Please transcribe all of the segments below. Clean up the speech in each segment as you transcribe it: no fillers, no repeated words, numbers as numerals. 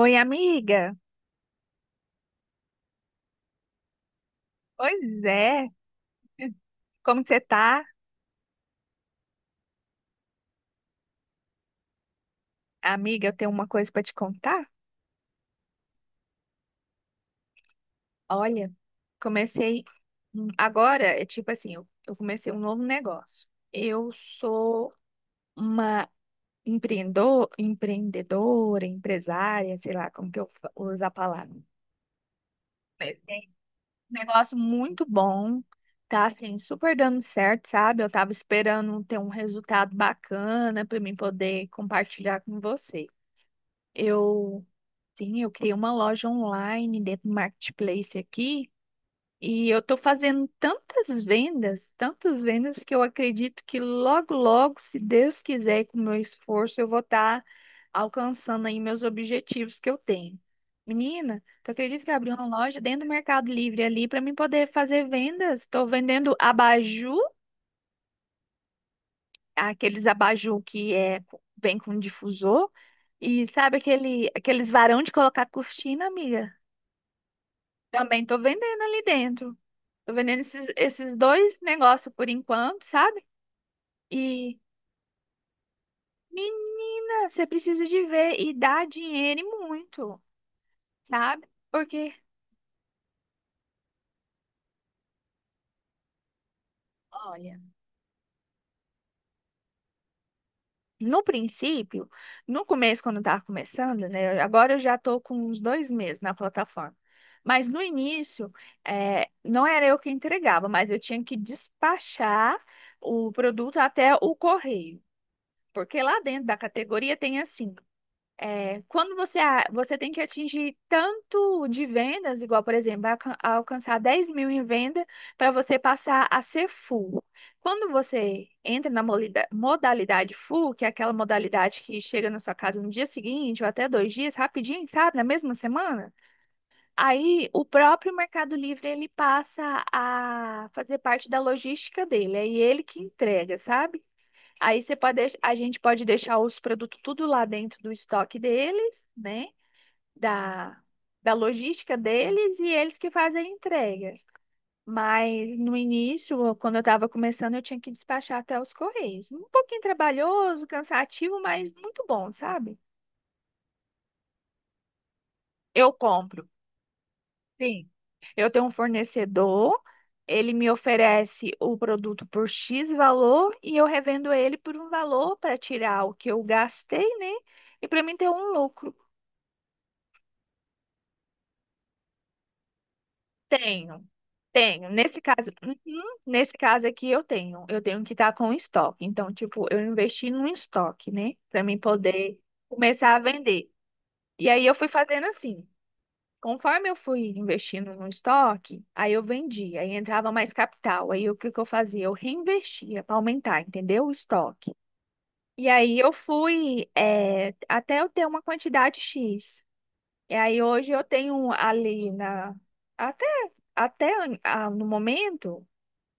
Oi, amiga. Pois é. Como que você tá? Amiga, eu tenho uma coisa pra te contar. Olha, comecei agora, é tipo assim, eu comecei um novo negócio. Eu sou uma empreendedora, empresária, sei lá como que eu uso a palavra. Mas tem um negócio muito bom, tá assim, super dando certo, sabe? Eu tava esperando ter um resultado bacana pra mim poder compartilhar com você. Eu, sim, eu criei uma loja online dentro do Marketplace aqui e eu estou fazendo tantas vendas que eu acredito que logo, logo, se Deus quiser, e com o meu esforço, eu vou estar alcançando aí meus objetivos que eu tenho. Menina, tu acredita que eu abri uma loja dentro do Mercado Livre ali para mim poder fazer vendas? Estou vendendo abajur, aqueles abajur que é, vem com difusor. E sabe aqueles varão de colocar cortina, amiga? Também tô vendendo ali dentro. Tô vendendo esses dois negócios por enquanto, sabe? E, menina, você precisa de ver e dar dinheiro e muito, sabe? Porque, olha. No princípio, no começo, quando eu estava começando, né? Agora eu já estou com uns 2 meses na plataforma. Mas no início, não era eu que entregava, mas eu tinha que despachar o produto até o correio. Porque lá dentro da categoria tem assim. É, quando você, você tem que atingir tanto de vendas, igual, por exemplo, alcançar 10 mil em venda para você passar a ser full. Quando você entra na modalidade full, que é aquela modalidade que chega na sua casa no dia seguinte ou até 2 dias, rapidinho, sabe, na mesma semana, aí o próprio Mercado Livre ele passa a fazer parte da logística dele, é ele que entrega, sabe? Aí você pode, a gente pode deixar os produtos tudo lá dentro do estoque deles, né? Da, da logística deles e eles que fazem a entrega. Mas no início, quando eu estava começando, eu tinha que despachar até os correios. Um pouquinho trabalhoso, cansativo, mas muito bom, sabe? Eu compro. Sim. Eu tenho um fornecedor, ele me oferece o produto por X valor e eu revendo ele por um valor para tirar o que eu gastei, né? E para mim ter um lucro. Tenho, tenho. Nesse caso, uhum, nesse caso aqui eu tenho. Eu tenho que estar com estoque. Então, tipo, eu investi num estoque, né? Para mim poder começar a vender. E aí eu fui fazendo assim. Conforme eu fui investindo no estoque, aí eu vendia, aí entrava mais capital. Aí o que que eu fazia? Eu reinvestia para aumentar, entendeu? O estoque. E aí eu fui até eu ter uma quantidade X. E aí hoje eu tenho ali na. Até, no momento,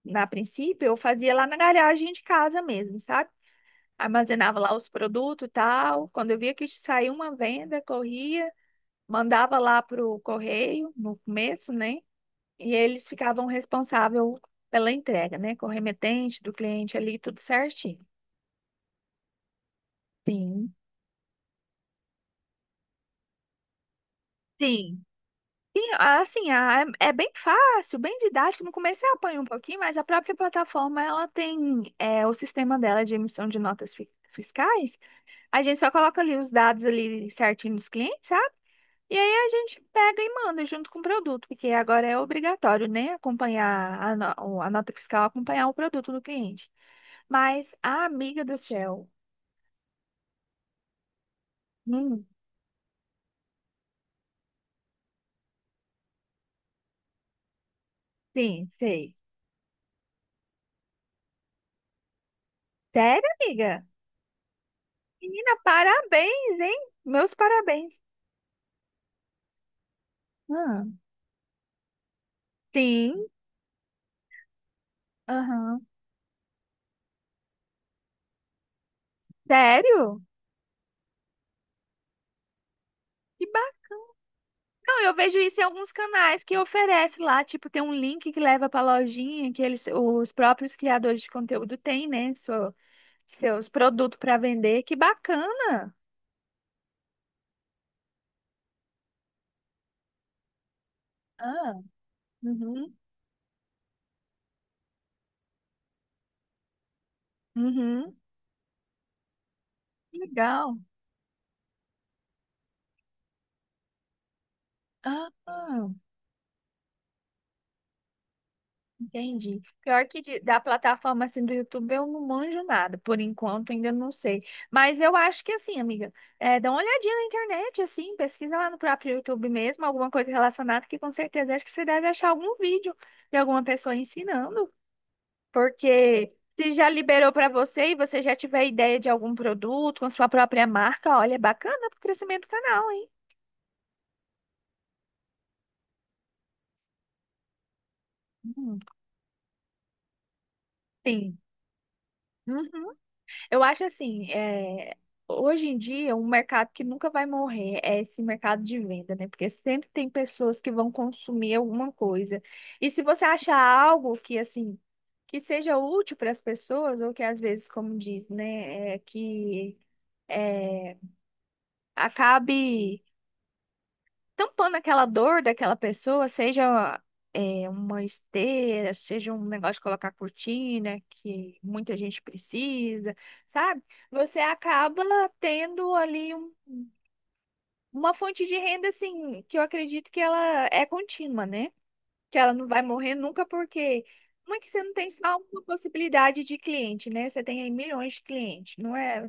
na princípio, eu fazia lá na garagem de casa mesmo, sabe? Armazenava lá os produtos e tal. Quando eu via que saiu uma venda, corria, mandava lá pro correio no começo, né? E eles ficavam responsável pela entrega, né? Com o remetente do cliente ali, tudo certinho. Sim. Sim. E, assim, é bem fácil, bem didático. No começo eu apanho um pouquinho, mas a própria plataforma, ela tem é, o sistema dela de emissão de notas fiscais. A gente só coloca ali os dados ali certinho dos clientes, sabe? E aí a gente pega e manda junto com o produto, porque agora é obrigatório, né? Acompanhar a, no- a nota fiscal, acompanhar o produto do cliente. Mas, a amiga do céu. Hum, sim, sei. Sério, amiga? Menina, parabéns, hein? Meus parabéns. Ah, sim, aham. Sério? Que bacana. Eu vejo isso em alguns canais que oferece lá, tipo, tem um link que leva pra lojinha que eles, os próprios criadores de conteúdo têm, né? Seus produtos pra vender. Que bacana. Ah, uhum, uhum. Legal. Ah. Entendi. Pior que da plataforma assim do YouTube eu não manjo nada, por enquanto ainda não sei. Mas eu acho que assim, amiga, é, dá uma olhadinha na internet, assim, pesquisa lá no próprio YouTube mesmo, alguma coisa relacionada, que com certeza acho que você deve achar algum vídeo de alguma pessoa ensinando. Porque se já liberou para você e você já tiver ideia de algum produto com sua própria marca, olha, é bacana pro crescimento do canal, hein? Hum. Sim. Uhum. Eu acho assim, é, hoje em dia, um mercado que nunca vai morrer é esse mercado de venda, né? Porque sempre tem pessoas que vão consumir alguma coisa. E se você achar algo que, assim, que seja útil para as pessoas, ou que às vezes, como diz, né, é, que é, acabe tampando aquela dor daquela pessoa, seja é, uma esteira, seja um negócio de colocar cortina, que muita gente precisa, sabe? Você acaba tendo ali uma fonte de renda, assim, que eu acredito que ela é contínua, né? que ela não vai morrer nunca, porque não é que você não tem só uma possibilidade de cliente, né? Você tem aí milhões de clientes, não é?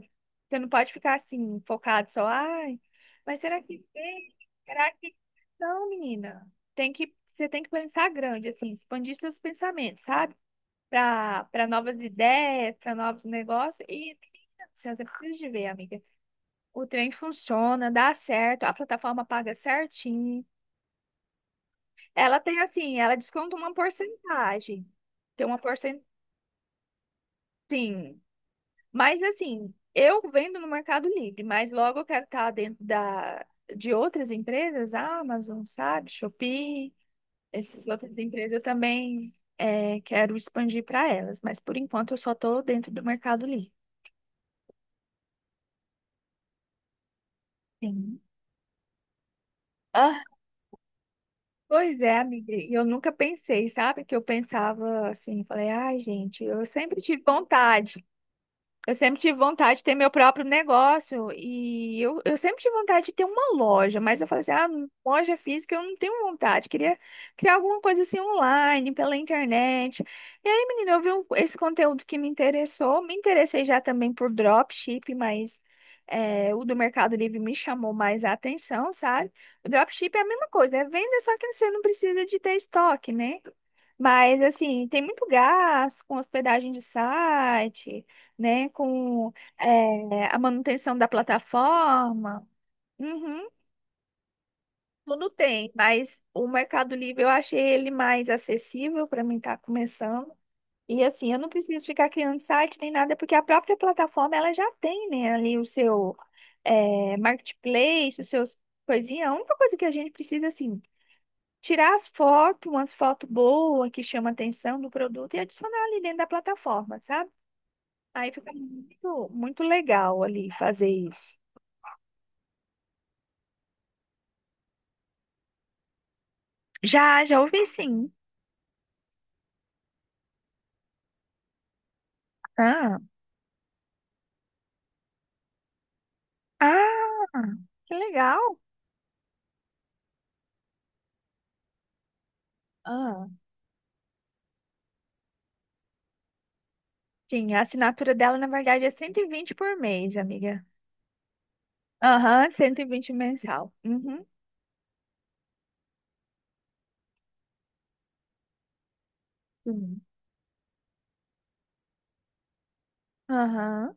Você não pode ficar assim, focado só, ai, mas será que tem? Será que. Não, menina. Tem que, você tem que pensar grande, assim, expandir seus pensamentos, sabe? Para novas ideias, para novos negócios. E assim, você precisa de ver, amiga. O trem funciona, dá certo, a plataforma paga certinho. Ela tem assim, ela desconta uma porcentagem. Tem uma porcentagem, sim. Mas assim, eu vendo no Mercado Livre, mas logo eu quero estar dentro de outras empresas, Amazon, sabe, Shopee, essas outras empresas eu também quero expandir para elas. Mas por enquanto eu só estou dentro do Mercado Livre. Sim. Ah, pois é, amiga. E eu nunca pensei, sabe? Que eu pensava assim, falei, ai, gente, eu sempre tive vontade. Eu sempre tive vontade de ter meu próprio negócio e eu sempre tive vontade de ter uma loja, mas eu falei assim, ah, loja física eu não tenho vontade, queria criar alguma coisa assim online, pela internet. E aí, menina, eu vi esse conteúdo que me interessou, me interessei já também por dropship, mas é, o do Mercado Livre me chamou mais a atenção, sabe? O dropship é a mesma coisa, é venda, só que você não precisa de ter estoque, né? Mas, assim, tem muito gasto com hospedagem de site, né? Com é, a manutenção da plataforma. Uhum, tudo tem, mas o Mercado Livre eu achei ele mais acessível para mim estar começando. E assim, eu não preciso ficar criando site nem nada, porque a própria plataforma ela já tem, né, ali o seu é, marketplace, os seus coisinhas. A única coisa que a gente precisa, assim, tirar as fotos, umas fotos boas que chamam a atenção do produto e adicionar ali dentro da plataforma, sabe? Aí fica muito, muito legal ali fazer isso. Já, já ouvi sim. Ah, ah, que legal. Ah. Sim, a assinatura dela, na verdade, é 120 por mês, amiga. Aham, 120 mensal. Uhum. Sim. Aham.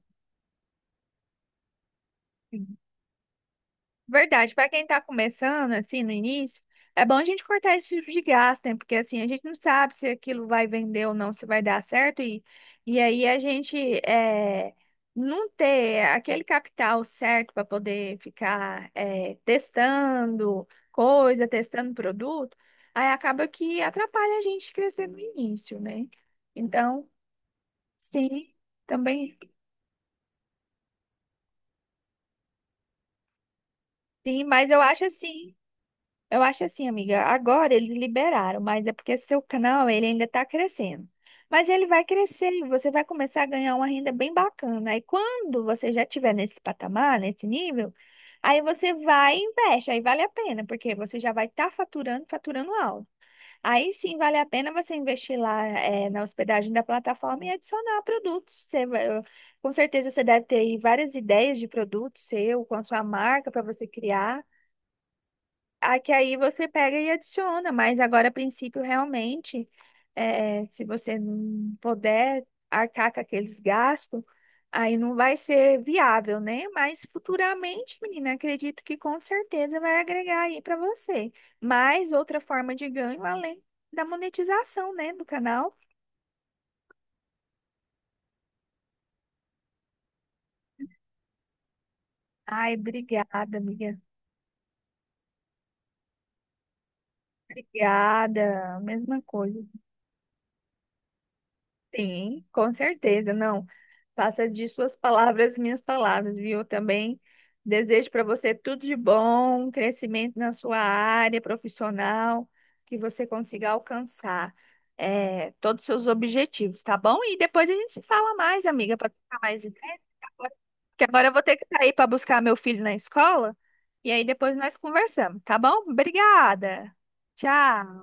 Verdade, para quem está começando, assim, no início, é bom a gente cortar esse tipo de gasto, né? Porque assim, a gente não sabe se aquilo vai vender ou não, se vai dar certo, e aí a gente é, não ter aquele capital certo para poder ficar é, testando coisa, testando produto, aí acaba que atrapalha a gente crescer no início, né? Então, sim, também sim, mas eu acho assim. Eu acho assim, amiga, agora eles liberaram, mas é porque seu canal ele ainda está crescendo. Mas ele vai crescer e você vai começar a ganhar uma renda bem bacana. Aí quando você já estiver nesse patamar, nesse nível, aí você vai e investe, aí vale a pena, porque você já vai estar faturando, faturando alto. Aí sim vale a pena você investir lá na hospedagem da plataforma e adicionar produtos. Com certeza você deve ter aí várias ideias de produtos seu, com a sua marca para você criar aqui aí você pega e adiciona, mas agora, a princípio, realmente, se você não puder arcar com aqueles gastos, aí não vai ser viável, né? Mas futuramente, menina, acredito que com certeza vai agregar aí para você. Mais outra forma de ganho além da monetização, né, do canal. Ai, obrigada, amiga. Obrigada. Mesma coisa. Sim, com certeza, não. Faça de suas palavras minhas palavras, viu? Também desejo para você tudo de bom, crescimento na sua área profissional, que você consiga alcançar todos os seus objetivos, tá bom? E depois a gente se fala mais, amiga, para trocar mais ideias. Agora- porque agora eu vou ter que sair para buscar meu filho na escola, e aí depois nós conversamos, tá bom? Obrigada. Tchau.